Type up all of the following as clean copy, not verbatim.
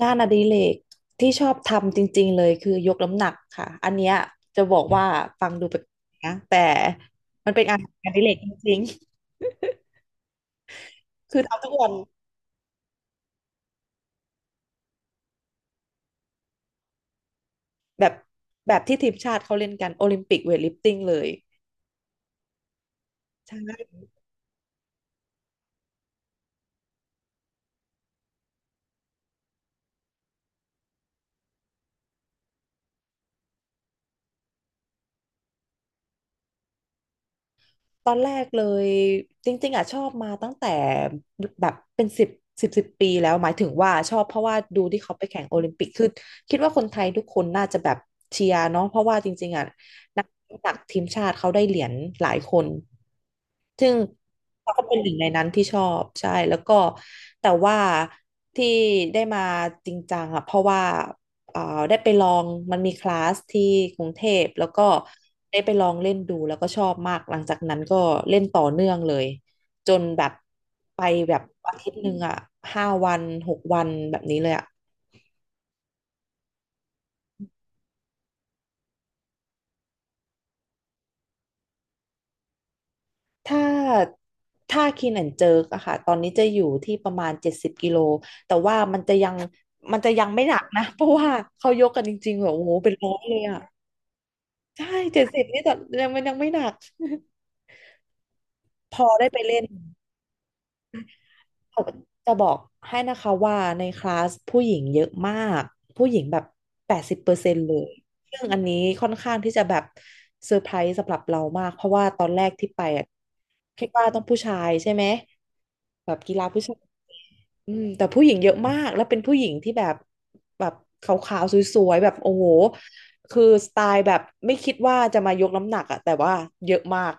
งานอดิเรกที่ชอบทำจริงๆเลยคือยกน้ำหนักค่ะอันเนี้ยจะบอกว่าฟังดูแปลกนะแต่มันเป็นงานอดิเรกจริงๆคือทำทุกวันแบบแบบที่ทีมชาติเขาเล่นกันโอลิมปิกเวทลิฟติ้งเลยใช่ ตอนแรกเลยจริงๆอ่ะชอบมาตั้งแต่แบบเป็นสิบปีแล้วหมายถึงว่าชอบเพราะว่าดูที่เขาไปแข่งโอลิมปิกคือคิดว่าคนไทยทุกคนน่าจะแบบเชียร์เนาะเพราะว่าจริงๆอ่ะนักตักทีมชาติเขาได้เหรียญหลายคนซึ่งเราก็เป็นหนึ่งในนั้นที่ชอบใช่แล้วก็แต่ว่าที่ได้มาจริงจังอ่ะเพราะว่า เอ่อได้ไปลองมันมีคลาสที่กรุงเทพแล้วก็ได้ไปลองเล่นดูแล้วก็ชอบมากหลังจากนั้นก็เล่นต่อเนื่องเลยจนแบบไปแบบอาทิตย์หนึ่งอ่ะ5 วัน6 วันแบบนี้เลยอ่ะถ้าถ้าคีนแอนเจิร์กอะค่ะตอนนี้จะอยู่ที่ประมาณ70 กิโลแต่ว่ามันจะยังไม่หนักนะ เพราะว่าเขายกกันจริงๆแบบโอ้โหเป็นร้อยเลยอะใช่เจ็ดสิบนี่แต่ยังมันยังไม่หนัก พอได้ไปเล่น เขาจะบอกให้นะคะว่าในคลาสผู้หญิงเยอะมากผู้หญิงแบบ80%เลยซึ่งอันนี้ค่อนข้างที่จะแบบเซอร์ไพรส์สำหรับเรามากเพราะว่าตอนแรกที่ไปอะคิดว่าต้องผู้ชายใช่ไหมแบบกีฬาผู้ชายอืมแต่ผู้หญิงเยอะมากแล้วเป็นผู้หญิงที่แบบแบบขาวๆสวยๆแบบโอ้โหคือสไตล์แบบไม่คิดว่าจะมายกน้ำหนักอะแต่ว่าเยอะมาก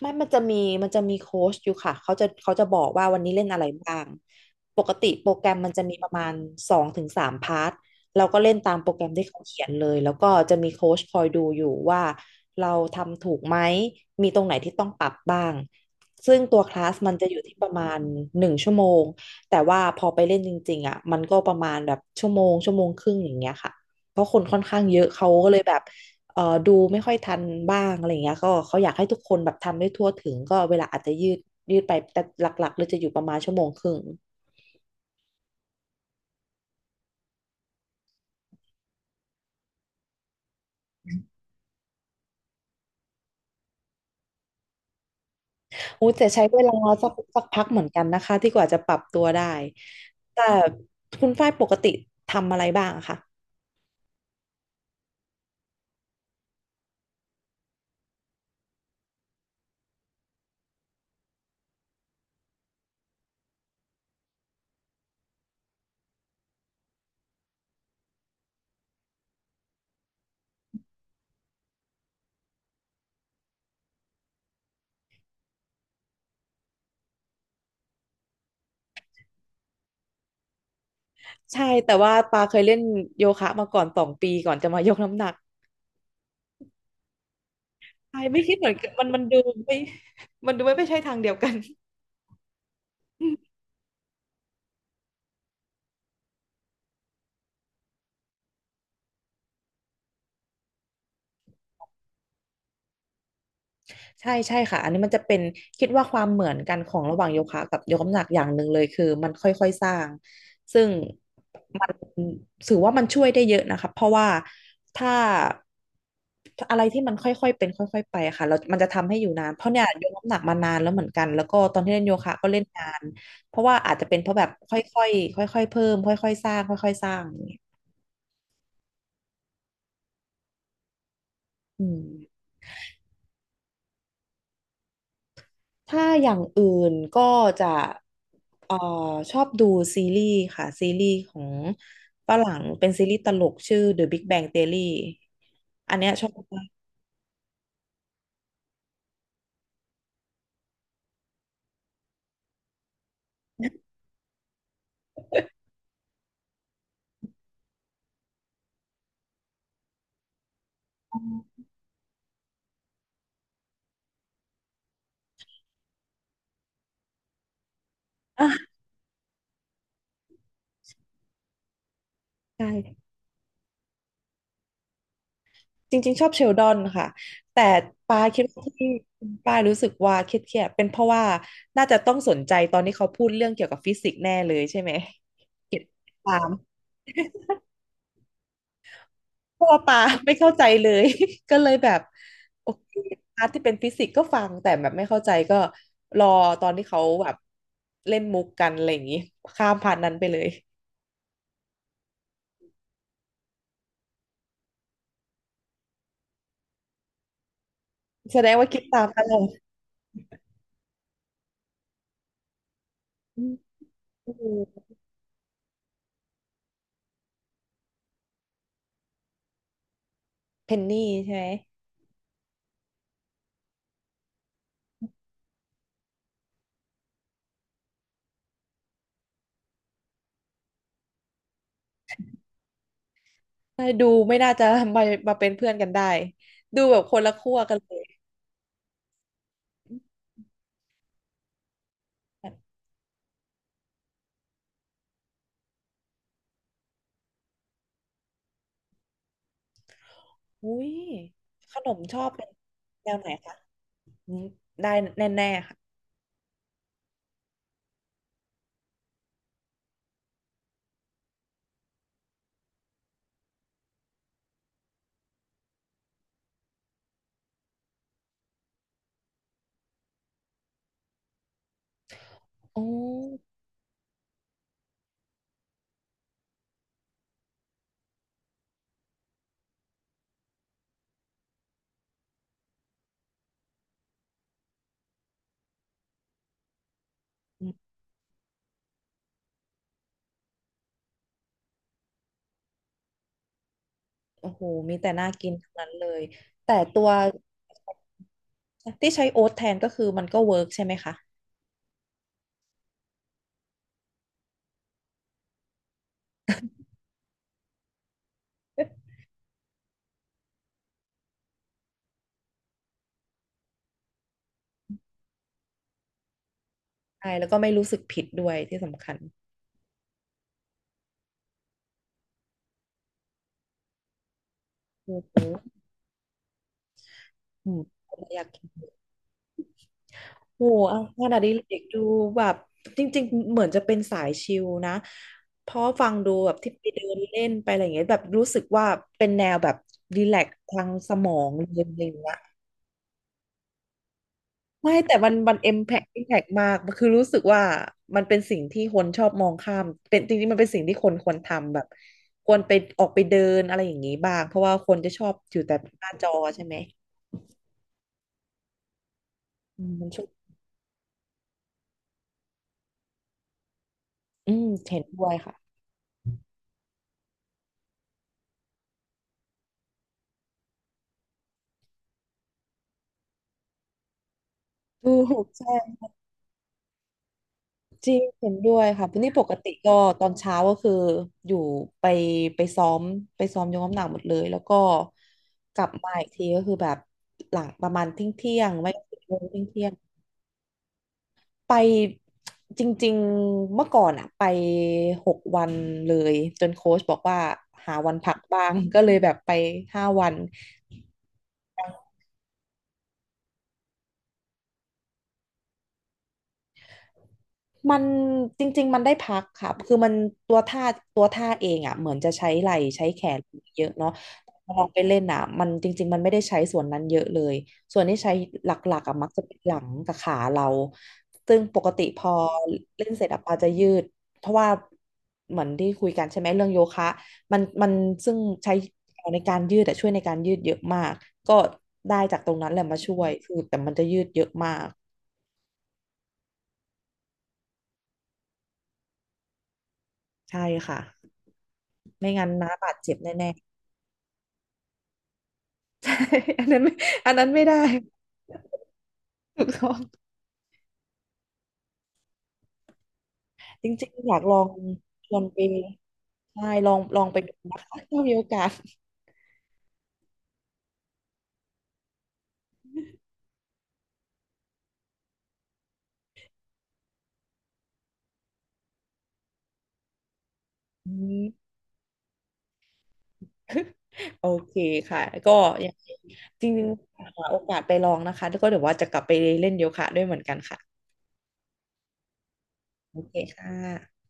ไม่มันจะมีโค้ชอยู่ค่ะเขาจะบอกว่าวันนี้เล่นอะไรบ้างปกติโปรแกรมมันจะมีประมาณ2 ถึง 3 พาร์ทเราก็เล่นตามโปรแกรมที่เขาเขียนเลยแล้วก็จะมีโค้ชคอยดูอยู่ว่าเราทำถูกไหมมีตรงไหนที่ต้องปรับบ้างซึ่งตัวคลาสมันจะอยู่ที่ประมาณ1 ชั่วโมงแต่ว่าพอไปเล่นจริงๆอ่ะมันก็ประมาณแบบชั่วโมงชั่วโมงครึ่งอย่างเงี้ยค่ะเพราะคนค่อนข้างเยอะเขาก็เลยแบบ ดูไม่ค่อยทันบ้างอะไรอย่างเงี้ยก็เขาอยากให้ทุกคนแบบทำได้ทั่วถึงก็เวลาอาจจะยืดยืดไปแต่หลักๆเลยจะอยู่ประมาณชั่วโมงครึ่งอู้แต่ใช้เวลาสักพักเหมือนกันนะคะที่กว่าจะปรับตัวได้แต่คุณฝ้ายปกติทำอะไรบ้างอะคะใช่แต่ว่าปาเคยเล่นโยคะมาก่อน2 ปีก่อนจะมา ยกน้ำหนักใช่ไม่คิดเหมือนกันไม่มันดูไม่ใช่ทางเดียวกัน ใช่ใช่ค่ะอันนี้มันจะเป็นคิดว่าความเหมือนกันของระหว่างโยคะกับยกน้ำหนักอย่างหนึ่งเลยคือมันค่อยๆสร้างซึ่งมันถือว่ามันช่วยได้เยอะนะคะเพราะว่าถ้าอะไรที่มันค่อยๆเป็นค่อยๆไปอะค่ะเรามันจะทำให้อยู่นานเพราะเนี่ยยกน้ำหนักมานานแล้วเหมือนกันแล้วก็ตอนที่เล่นโยคะก็เล่นนานเพราะว่าอาจจะเป็นเพราะแบบค่อยๆค่อยๆเพิ่มค่อยๆสร้างค่อยๆสร้างอย่างเงี้ยอืม ถ้าอย่างอื่นก็จะเอ่อชอบดูซีรีส์ค่ะซีรีส์ของฝรั่งเป็นซีรีส์ตลกชื่อ The Big Bang Theory อันเนี้ยชอบมากอ่ะใช่จริงๆชอบเชลดอนค่ะแต่ปาคิดว่าที่ปารู้สึกว่าเครียดๆเป็นเพราะว่าน่าจะต้องสนใจตอนที่เขาพูดเรื่องเกี่ยวกับฟิสิกส์แน่เลยใช่ไหมถาม เพราะว่าปาไม่เข้าใจเลย ก็เลยแบบโอเคพาร์ทที่เป็นฟิสิกส์ก็ฟังแต่แบบไม่เข้าใจก็รอตอนที่เขาแบบเล่นมุกกันอะไรอย่างนี้ข้ามผ่านนั้นไปเลยแสดงว่าคิดตามตลอดอืมเพนนี่ใช่ไหมดูไม่น่าจะมามาเป็นเพื่อนกันได้ดูแบบคนละขั้วกันเลยแบบอุ้ยขนมชอบเป็นแนวไหนคะอืมได้แน่ๆค่ะอ๋อ โอ้โหมีแต่น่ากินทั้งนั้นเลย แต่ตัวที่ใช้โอ๊ตแทนก็คือมันก็เวิร์กใช่ไหมคะ ใช่ แล้วก็ไม่รู้สึกผิดด้วยที่สำคัญโอ้โหอืมอยากกินโอ้โหเอางานอดิเรกดูแบบจริงๆเหมือนจะเป็นสายชิลนะเพราะฟังดูแบบที่ไปเดินเล่นไปอะไรอย่างเงี้ยแบบรู้สึกว่าเป็นแนวแบบรีแลกซ์ทางสมองเลยอะไรอย่างเงี้ย ไม่แต่มัน impact มากคือรู้สึกว่ามันเป็นสิ่งที่คนชอบมองข้ามเป็นจริงๆมันเป็นสิ่งที่คนควรทำแบบควรไปออกไปเดินอะไรอย่างนี้บ้างเพราะว่าคนจะชอบอยู่แต่หน้าจอใช่ไหมอืมมันชอบอืมเห็นด้วยค่ะถูกใช่จริงเห็นด้วยค่ะนี่ปกติก็ตอนเช้าก็คืออยู่ไปไปซ้อมไปซ้อมยกน้ำหนักหมดเลยแล้วก็กลับมาอีกทีก็คือแบบหลังประมาณเที่ยงเที่ยงไม่ก็สิบโมงเที่ยง ไปจริงๆเมื่อก่อนอะไป6 วันเลยจนโค้ชบอกว่าหาวันพักบ้าง ก็เลยแบบไป5 วัน มันจริงๆมันได้พักค่ะคือมันตัวท่าตัวท่าเองอ่ะเหมือนจะใช้ไหล่ใช้แขนเยอะเนาะแต่พอลองไปเล่นอ่ะมันจริงๆมันไม่ได้ใช้ส่วนนั้นเยอะเลย ส่วนที่ใช้หลักๆอ่ะมักจะเป็นหลังกับขาเรา ซึ่งปกติพอเล่นเสร็จอ่ะปาจะยืดเพราะว่าเหมือนที่คุยกันใช่ไหมเรื่องโยคะมันซึ่งใช้ในการยืดแต่ช่วยในการยืดเยอะมากก็ได้จากตรงนั้นแหละมาช่วยคือแต่มันจะยืดเยอะมากใช่ค่ะไม่งั้นน้าบาดเจ็บแน่ อันนั้นไม่อันนั้นไม่ได้ถูกต้องจริงๆอยากลองชวนไปใช่ลองไปดูนะคะถ้ามีโอกาส อืมโอเคค่ะก็ยังจริงๆหาโอกาสไปลองนะคะแล้วก็เดี๋ยวว่าจะกลับไปเล่นโยคะด้วยเหมือนกันค่ะโอเคค่ะ